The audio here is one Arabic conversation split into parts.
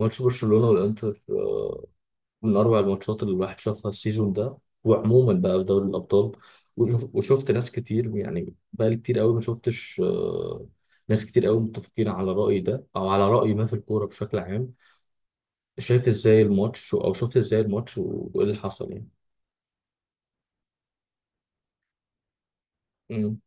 ماتش برشلونة والإنتر، من أروع الماتشات اللي الواحد شافها السيزون ده. وعموما بقى في دوري الأبطال، وشفت ناس كتير، يعني بقالي كتير قوي ما شفتش، ناس كتير قوي متفقين على رأيي ده أو على رأي ما في الكورة بشكل عام. شايف إزاي الماتش، أو شفت إزاي الماتش وإيه اللي حصل يعني. مم.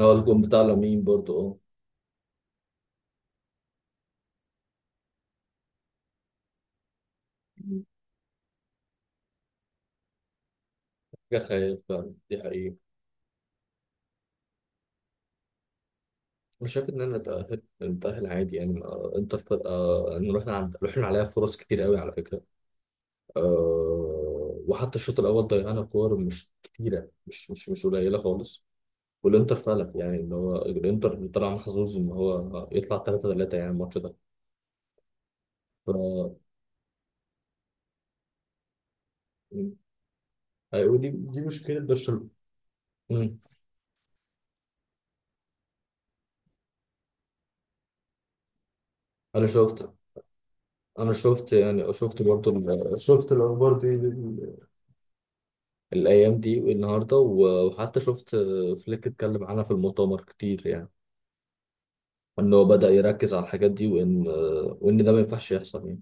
هو الجون بتاع لامين برضو اه. مم. حاجة خيال فعلا، دي حقيقة. أنا شايف إن أنا نتأهل عادي، يعني إنتر فرقة، إن رحنا عليها فرص كتير قوي على فكرة. وحتى الشوط الاول ضيعنا كور مش كتيره، مش قليله خالص. والانتر فلت، يعني ان هو الانتر طلع محظوظ ان هو يطلع 3-3 يعني الماتش ده. ف هيقول دي مشكله برشلونه. مم. انا شفت انا شفت، يعني شفت برضو شفت الاخبار دي الايام دي والنهارده وحتى شفت فليك اتكلم عنها في المؤتمر كتير، يعني ان هو بدأ يركز على الحاجات دي وان ده ما ينفعش يحصل يعني.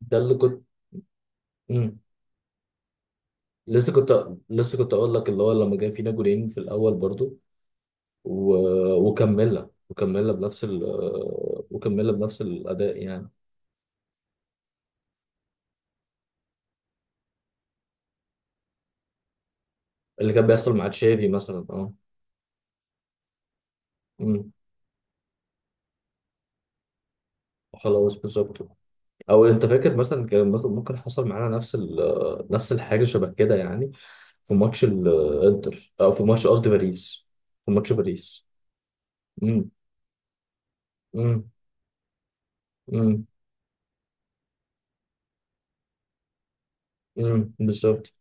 ده اللي كنت، لسه كنت اقول لك، اللي هو لما كان فينا جولين في الاول برضو و... وكملنا بنفس وكملنا بنفس الاداء يعني. اللي كان بيحصل مع تشافي مثلا اه. امم. خلاص بالظبط. او انت فاكر مثلا كان مثلا ممكن حصل معانا نفس نفس الحاجه شبه كده يعني، في ماتش الانتر، او في ماتش قصدي باريس. في ماتش باريس. امم. امم. امم. بالظبط.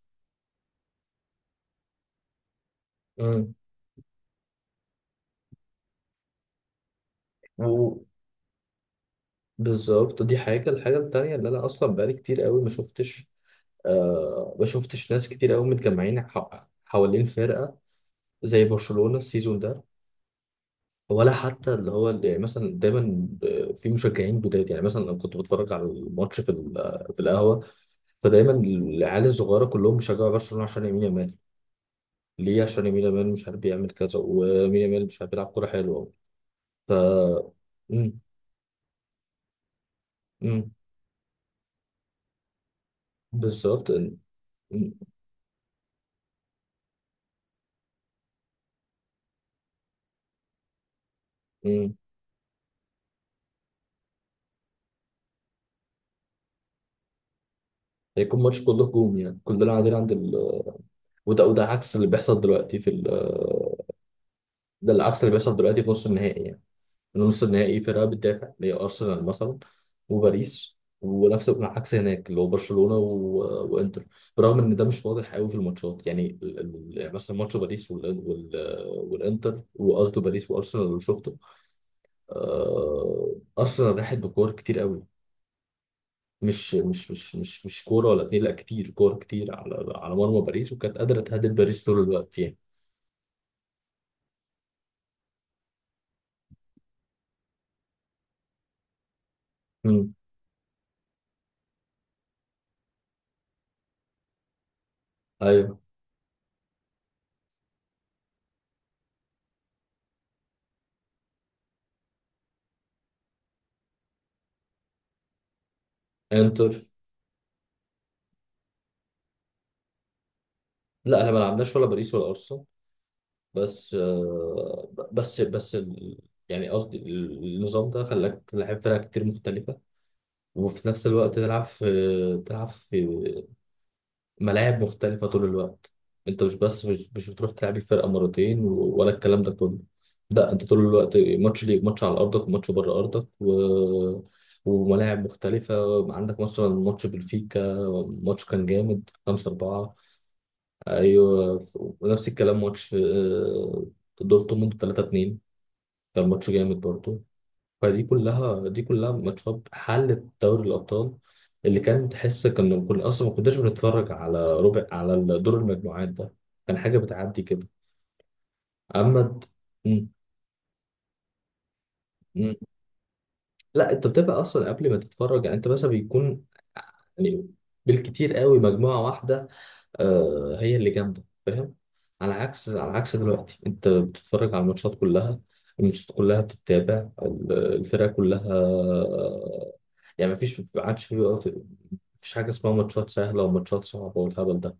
امم بالظبط، دي حاجة، الحاجة التانية اللي أنا أصلا بقالي كتير قوي ما شفتش، ما شفتش ناس كتير قوي متجمعين حوالين فرقة زي برشلونة السيزون ده. ولا حتى اللي هو اللي يعني مثلا دايما، في مشجعين جداد، يعني مثلا أنا كنت بتفرج على الماتش في في القهوة. فدايما العيال الصغيرة كلهم بيشجعوا برشلونة عشان يمين يامال. ليه؟ عشان يمين يامال مش عارف بيعمل كذا، ويمين يامال مش عارف بيلعب كورة حلوة. ف مم. مم. بالظبط، مم. مم. هيكون ماتش كله هجوم، يعني كلنا قاعدين عند وده عكس اللي بيحصل دلوقتي في ده العكس اللي بيحصل دلوقتي في نص النهائي يعني. نص النهائي فرقة بتدافع اللي هي أرسنال مثلا، وباريس. ونفس العكس هناك، اللي هو برشلونة وإنتر. برغم إن ده مش واضح قوي في الماتشات، يعني يعني مثلا ماتش باريس والإنتر وقصده باريس وأرسنال اللي شفته. أرسنال راحت بكور كتير قوي، مش كوره ولا اتنين، لا، كتير كوره كتير على مرمى باريس، وكانت قادره تهدد باريس طول الوقت يعني. امم. ايوه. انتر. لا احنا ما لعبناش ولا باريس ولا ارسنال. بس بس يعني قصدي النظام ده خلاك تلعب فرق كتير مختلفه، وفي نفس الوقت تلعب في ملاعب مختلفة طول الوقت. انت مش بس، مش بتروح تلعب الفرقة مرتين ولا الكلام ده كله. لا، انت طول الوقت ماتش ليك، ماتش على ارضك وماتش بره ارضك، وملاعب مختلفة عندك. مثلا ماتش بلفيكا، ماتش كان جامد 5-4. أيوة، ونفس الكلام ماتش دورتموند 3-2، كان ماتش جامد برضه. فدي كلها ماتشات حلت دوري الأبطال، اللي كان تحس كنا أصلا ما كناش بنتفرج على ربع، على دور المجموعات ده. كان حاجة بتعدي كده. أما د- مم. مم. لا، أنت بتبقى أصلا قبل ما تتفرج، يعني أنت مثلا بيكون، يعني بالكتير قوي مجموعة واحدة هي اللي جامدة، فاهم. على عكس دلوقتي أنت بتتفرج على الماتشات كلها، الماتشات كلها بتتابع، الفرقة كلها. يعني مفيش، ما عادش في، مفيش حاجة اسمها ماتشات سهلة وماتشات صعبة والهبل ده.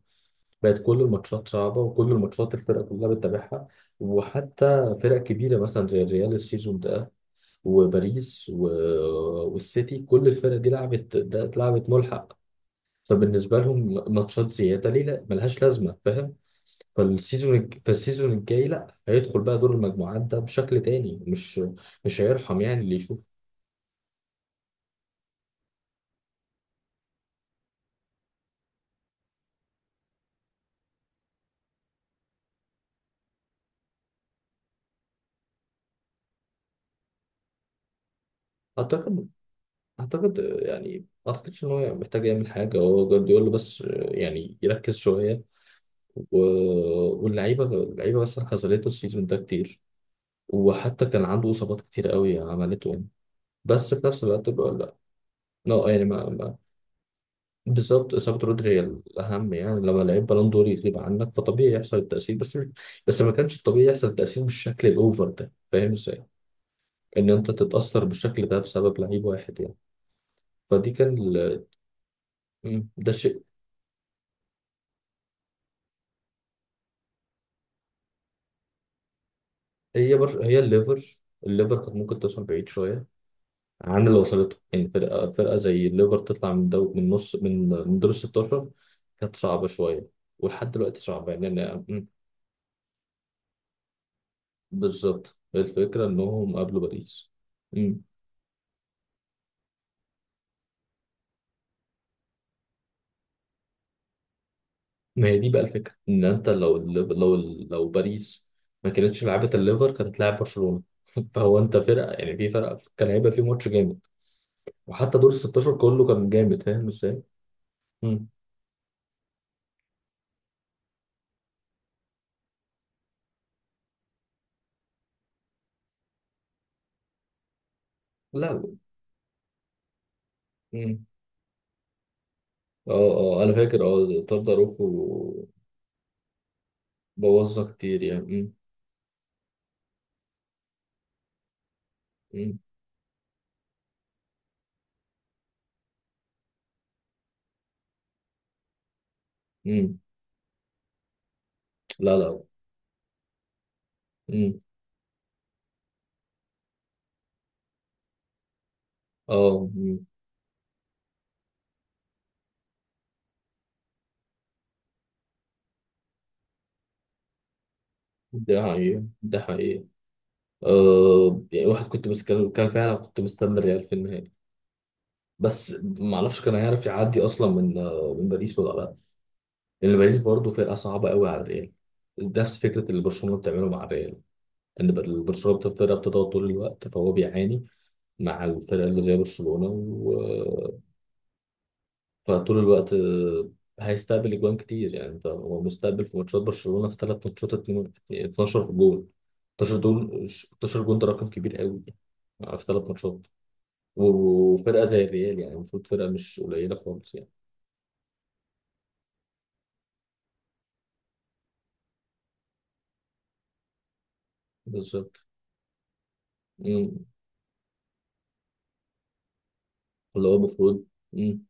بقت كل الماتشات صعبة، وكل الماتشات الفرق كلها بتتابعها. وحتى فرق كبيرة مثلا زي الريال السيزون ده، وباريس والسيتي، كل الفرق دي لعبت، ده اتلعبت ملحق، فبالنسبة لهم ماتشات زيادة ليه، لا ملهاش لازمة، فاهم. فالسيزون الجاي لا، هيدخل بقى دور المجموعات ده بشكل تاني. مش هيرحم يعني اللي يشوف. أعتقد اعتقد، يعني ما اعتقدش ان هو محتاج يعمل حاجه، هو جوارديولا بس يعني يركز شويه و... واللعيبه بس خذلته السيزون ده كتير، وحتى كان عنده اصابات كتير قوي عملته يعني. بس في نفس الوقت بقول لا، لا يعني ما, ما... بالظبط. اصابه رودري هي الاهم يعني، لما لعيب بالون دور يغيب عنك فطبيعي يحصل التاثير، بس ما كانش الطبيعي يحصل التاثير بالشكل الاوفر ده، فاهم ازاي؟ ان انت تتاثر بالشكل ده بسبب لعيب واحد يعني. فدي كان ال... ده الشيء. هي الليفر. الليفر كانت ممكن توصل بعيد شويه عن اللي وصلته. يعني فرقه زي الليفر تطلع من من نص، من دور ال 16، كانت صعبه شويه، ولحد دلوقتي صعبه يعني أنا... مم. بالظبط، الفكره انهم قابلوا باريس. مم. ما هي دي بقى الفكره، ان انت لو لو باريس ما كانتش لعبت الليفر كانت هتلاعب برشلونه. فهو انت فرقه، يعني في فرقه كان هيبقى في ماتش جامد، وحتى دور ال 16 كله كان جامد، فاهم ازاي؟ مم. لا. مم. اه اه انا فاكر، اه طرد اروخو، بوظنا كتير يعني. امم. امم. لا. لا. امم. اه. مم. ده حقيقة، ده حقيقة. يعني واحد، كنت بس، كان فعلا كنت مستني الريال في النهائي. بس ما اعرفش كان هيعرف يعدي اصلا من من باريس ولا لا. لان باريس برضه فرقة صعبة قوي على الريال، نفس فكرة اللي برشلونة بتعمله مع الريال، ان برشلونة بتبقى فرقة بتضغط طول الوقت، فهو بيعاني مع الفرق اللي زي برشلونة. فطول الوقت، هيستقبل اجوان كتير. يعني انت هو مستقبل في ماتشات برشلونة، في ثلاث ماتشات 12 جول، 12 دول، 12 جول، ده رقم كبير قوي يعني. في ثلاث ماتشات، وفرقة زي الريال يعني المفروض فرقة مش قليلة خالص يعني. بالظبط. مم. اللي هو المفروض. مم.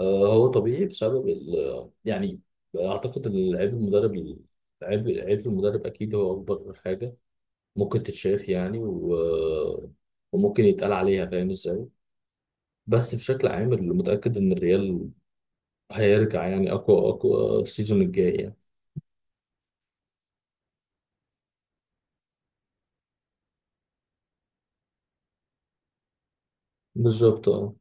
هو طبيعي بسبب ال، يعني، أعتقد إن عيب المدرب. عيب المدرب أكيد هو أكبر حاجة ممكن تتشاف يعني، وممكن يتقال عليها، فاهم إزاي. بس بشكل عام، اللي متأكد إن الريال هيرجع، يعني أقوى، أقوى السيزون الجاي يعني. بالظبط آه.